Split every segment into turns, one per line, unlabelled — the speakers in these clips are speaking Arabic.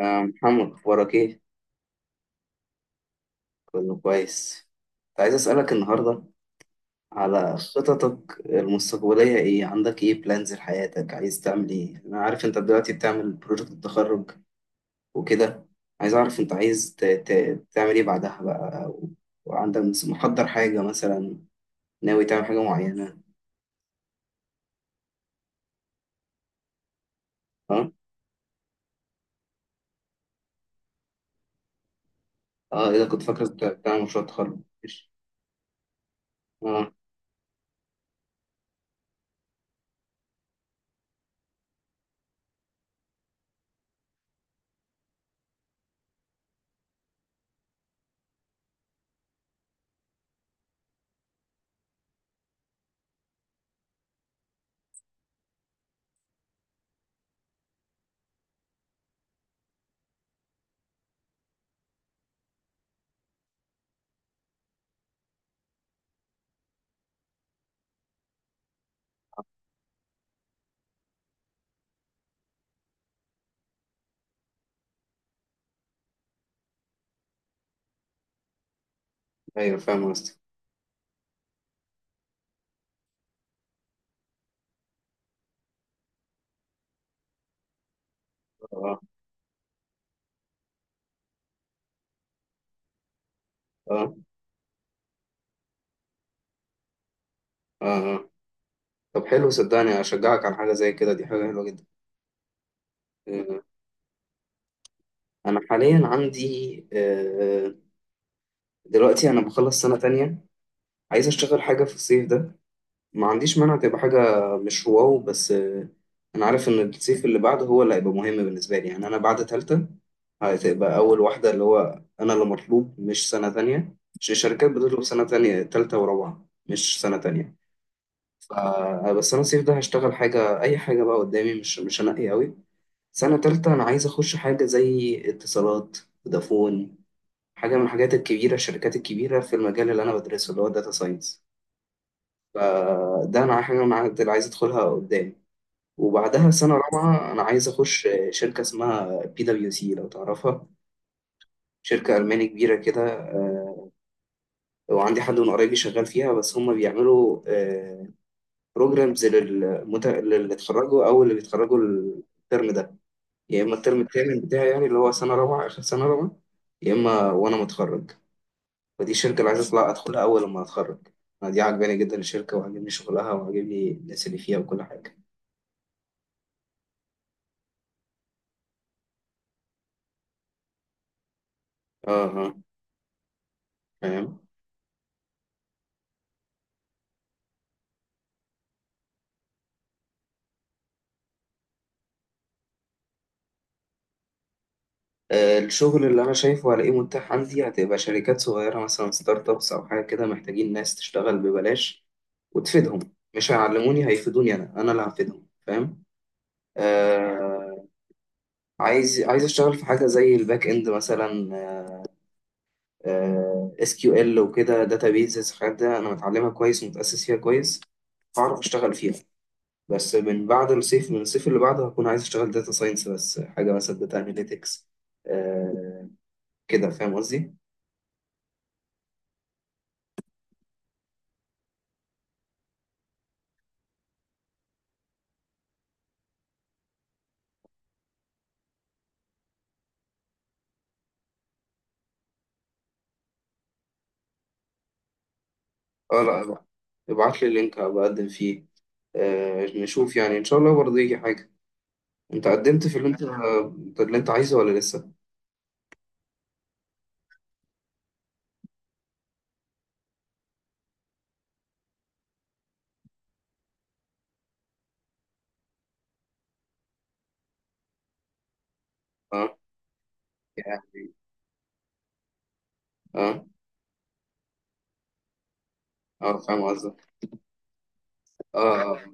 محمد، أخبارك إيه؟ كله كويس. كنت عايز أسألك النهاردة على خططك المستقبلية إيه؟ عندك إيه بلانز لحياتك؟ عايز تعمل إيه؟ أنا عارف أنت دلوقتي بتعمل بروجكت التخرج وكده. عايز أعرف أنت عايز تعمل إيه بعدها بقى وعندك محضر حاجة مثلا، ناوي تعمل حاجة معينة. أه؟ أه، إذا كنت فاكر أنت بتعمل مشروع تخرج ماشي. أه. أيوه، فاهم قصدك. أه. أه. أه. أه. آه. طب حلو، صدقني أشجعك على حاجة زي كده، دي حاجة حلوة جدا. آه. أنا حاليا عندي دلوقتي أنا بخلص سنة تانية. عايز أشتغل حاجة في الصيف ده، ما عنديش مانع تبقى حاجة مش واو بس. أنا عارف إن الصيف اللي بعده هو اللي هيبقى مهم بالنسبة لي، يعني أنا بعد تالتة هتبقى أول واحدة، اللي هو أنا اللي مطلوب، مش سنة تانية. مش الشركات بتطلب سنة تانية تالتة ورابعة، مش سنة تانية. ف- بس أنا الصيف ده هشتغل حاجة، أي حاجة بقى قدامي، مش هنقي أوي. سنة تالتة أنا عايز أخش حاجة زي اتصالات، فودافون، حاجة من الحاجات الكبيرة، الشركات الكبيرة في المجال اللي أنا بدرسه، اللي هو داتا ساينس. فده أنا حاجة أنا عايز أدخلها قدام. وبعدها سنة رابعة أنا عايز أخش شركة اسمها PWC، لو تعرفها. شركة ألماني كبيرة كده. وعندي حد من قرايبي شغال فيها، بس هم بيعملوا بروجرامز للي اتخرجوا أو اللي بيتخرجوا الترم ده، يا إما الترم التامن بتاعي يعني، اللي هو سنة رابعة آخر سنة رابعة، يا إما وأنا متخرج. ودي الشركة اللي عايز أطلع أدخلها أول لما أتخرج. أنا دي عاجباني جدا الشركة، وعاجبني شغلها، وعاجبني الناس اللي فيها، وكل حاجة. اه اه، فاهم. الشغل اللي أنا شايفه هلاقيه متاح عندي هتبقى شركات صغيرة، مثلا ستارت أبس أو حاجة كده، محتاجين ناس تشتغل ببلاش وتفيدهم. مش هيعلموني، هيفيدوني، أنا اللي هفيدهم، فاهم. آه. عايز أشتغل في حاجة زي الباك إند مثلا، SQL وكده، داتا بيزز. الحاجات ده أنا متعلمها كويس ومتأسس فيها كويس، هعرف أشتغل فيها. بس من الصيف اللي بعده هكون عايز اشتغل داتا ساينس، بس حاجه مثلا داتا اناليتكس. آه، كده فاهم قصدي. اه، لا لا، ابعت لي اللينك هبقى اقدم فيه. آه، نشوف يعني ان شاء الله برضه يجي حاجه. انت قدمت في اللي انت اللي انت عايزه ولا لسه؟ اه. يعني اه اه، فاهم قصدك. اه اه.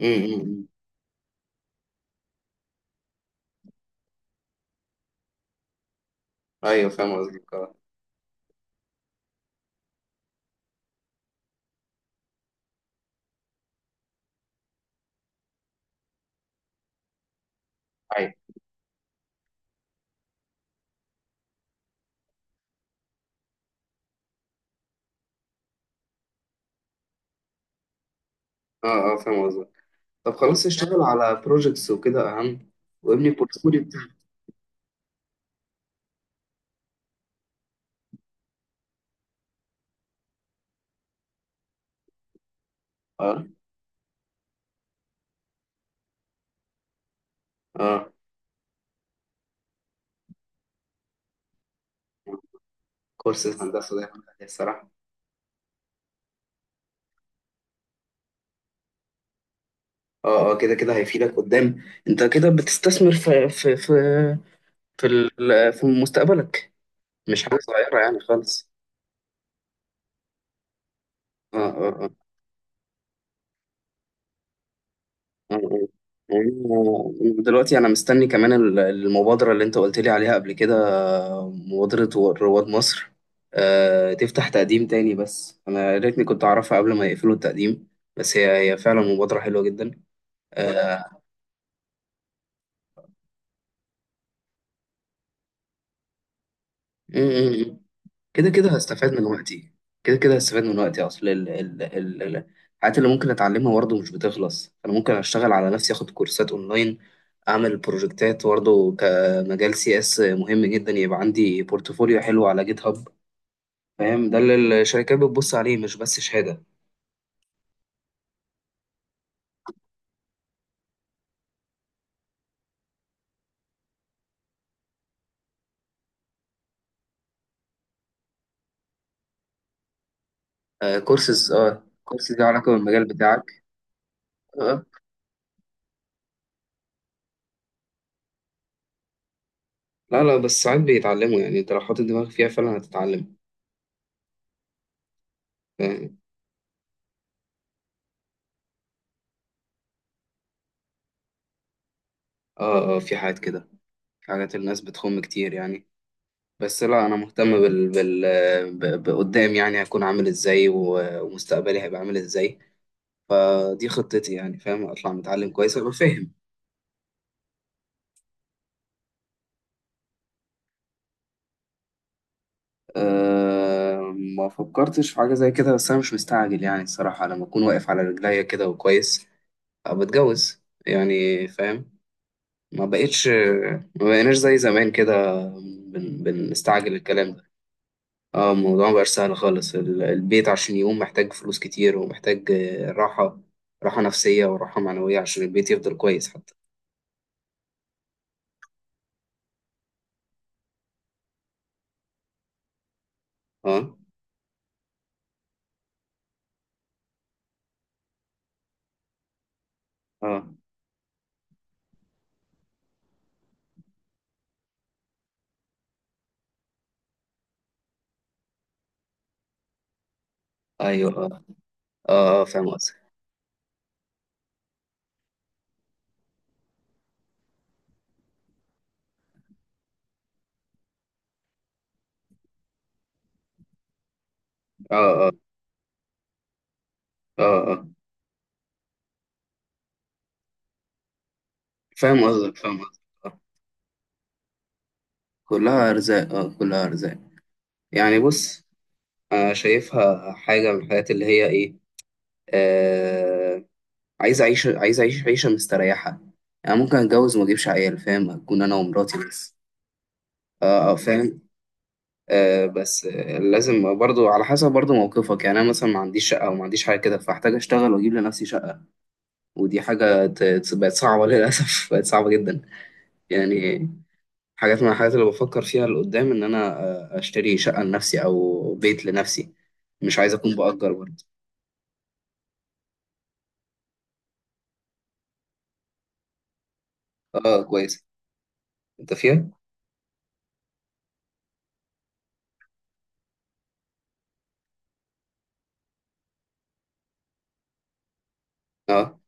أمم، أمم. ايوه، فاهم قصدك. اه. ايوه. اه اه، فاهم قصدك. طب خلاص، اشتغل على بروجكتس وكده اهم، وابني بورتفوليو بتاعك. اه اه، كورسات هندسه ده، الصراحه. اه اه، كده كده هيفيدك قدام، انت كده بتستثمر في مستقبلك. مش حاجه صغيره يعني خالص. اه اه اه اه اه. يعني دلوقتي انا مستني كمان المبادره اللي انت قلت لي عليها قبل كده، مبادره رواد مصر. آه، تفتح تقديم تاني، بس انا يا ريتني كنت اعرفها قبل ما يقفلوا التقديم. بس هي فعلا مبادره حلوه جدا. آه، كده كده هستفاد من وقتي. كده كده هستفاد من وقتي. اصل الحاجات اللي ممكن اتعلمها برضه مش بتخلص. انا ممكن اشتغل على نفسي، اخد كورسات اونلاين، اعمل بروجكتات برضه، كمجال CS مهم جدا، يبقى عندي بورتفوليو حلو على جيت هاب. فاهم، ده اللي الشركات بتبص عليه، مش بس شهادة. آه، كورسز. اه، كورسز ليه علاقة بالمجال بتاعك. آه. آه. لا لا، بس ساعات بيتعلموا يعني. انت لو حاطط دماغك فيها فعلا هتتعلم. فاهم. اه اه، في حاجات كده، في حاجات الناس بتخم كتير يعني. بس لا، انا مهتم بقدام، يعني هكون عامل ازاي ومستقبلي هيبقى عامل ازاي. دي خطتي، يعني فاهم، اطلع متعلم كويس، ابقى فاهم. أه، ما فكرتش في حاجه زي كده، بس انا مش مستعجل يعني، الصراحه. لما اكون واقف على رجليا كده وكويس، ابقى اتجوز، يعني فاهم. ما بقيناش زي زمان كده، بنستعجل الكلام ده. اه، الموضوع مبقاش سهل خالص. البيت عشان يقوم محتاج فلوس كتير، ومحتاج راحة، راحة نفسية وراحة معنوية، عشان البيت يفضل كويس حتى. اه اه، ايوه. اه اه، فاهم قصدك. اه اه اه اه اه، فاهم قصدك، فاهم قصدك. آه. كلها ارزاق، اه كلها ارزاق، يعني بص. انا شايفها حاجة من الحاجات اللي هي ايه. آه عايز اعيش عيشة مستريحة، يعني ممكن اتجوز وما اجيبش عيال، فاهم، اكون انا ومراتي بس. اه. فاهم. بس لازم برضو على حسب برضو موقفك. يعني انا مثلا ما عنديش شقه او ما عنديش حاجه كده، فاحتاج اشتغل واجيب لنفسي شقه. ودي حاجه بقت صعبه للاسف بقت صعبه جدا. يعني حاجات من الحاجات اللي بفكر فيها لقدام ان انا اشتري شقه لنفسي او بيت لنفسي. مش عايز اكون بأجر برضو. اه كويس، انت فيها. اه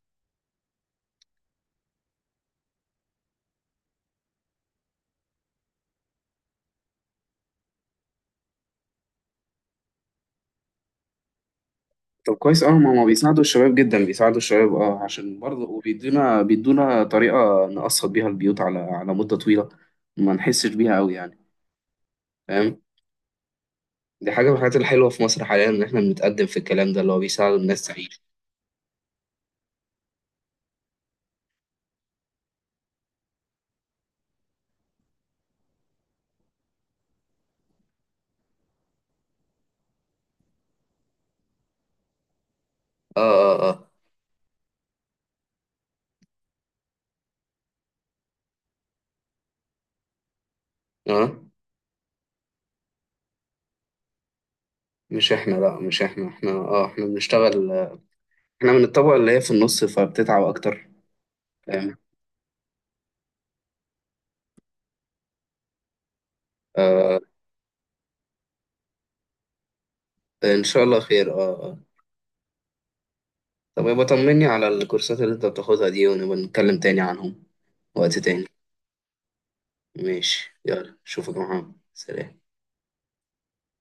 طب كويس. اه، ما بيساعدوا الشباب جدا، بيساعدوا الشباب اه، عشان برضه وبيدونا، بيدونا طريقه نقسط بيها البيوت على مده طويله، ما نحسش بيها قوي يعني. فاهم، دي حاجة من الحاجات الحلوة في مصر حاليا، إن إحنا بنتقدم في الكلام ده اللي هو بيساعد الناس تعيش. آه. آه. آه. آه. مش إحنا، لأ مش إحنا، إحنا بنشتغل. إحنا من الطبقة اللي هي في النص، فبتتعب أكتر. فاهم. آه، إن شاء الله خير. آه. آه. طب يبقى طمني على الكورسات اللي أنت بتاخدها دي، ونبقى نتكلم تاني عنهم وقت تاني. ماشي، يلا أشوفك يا محمد، سلام.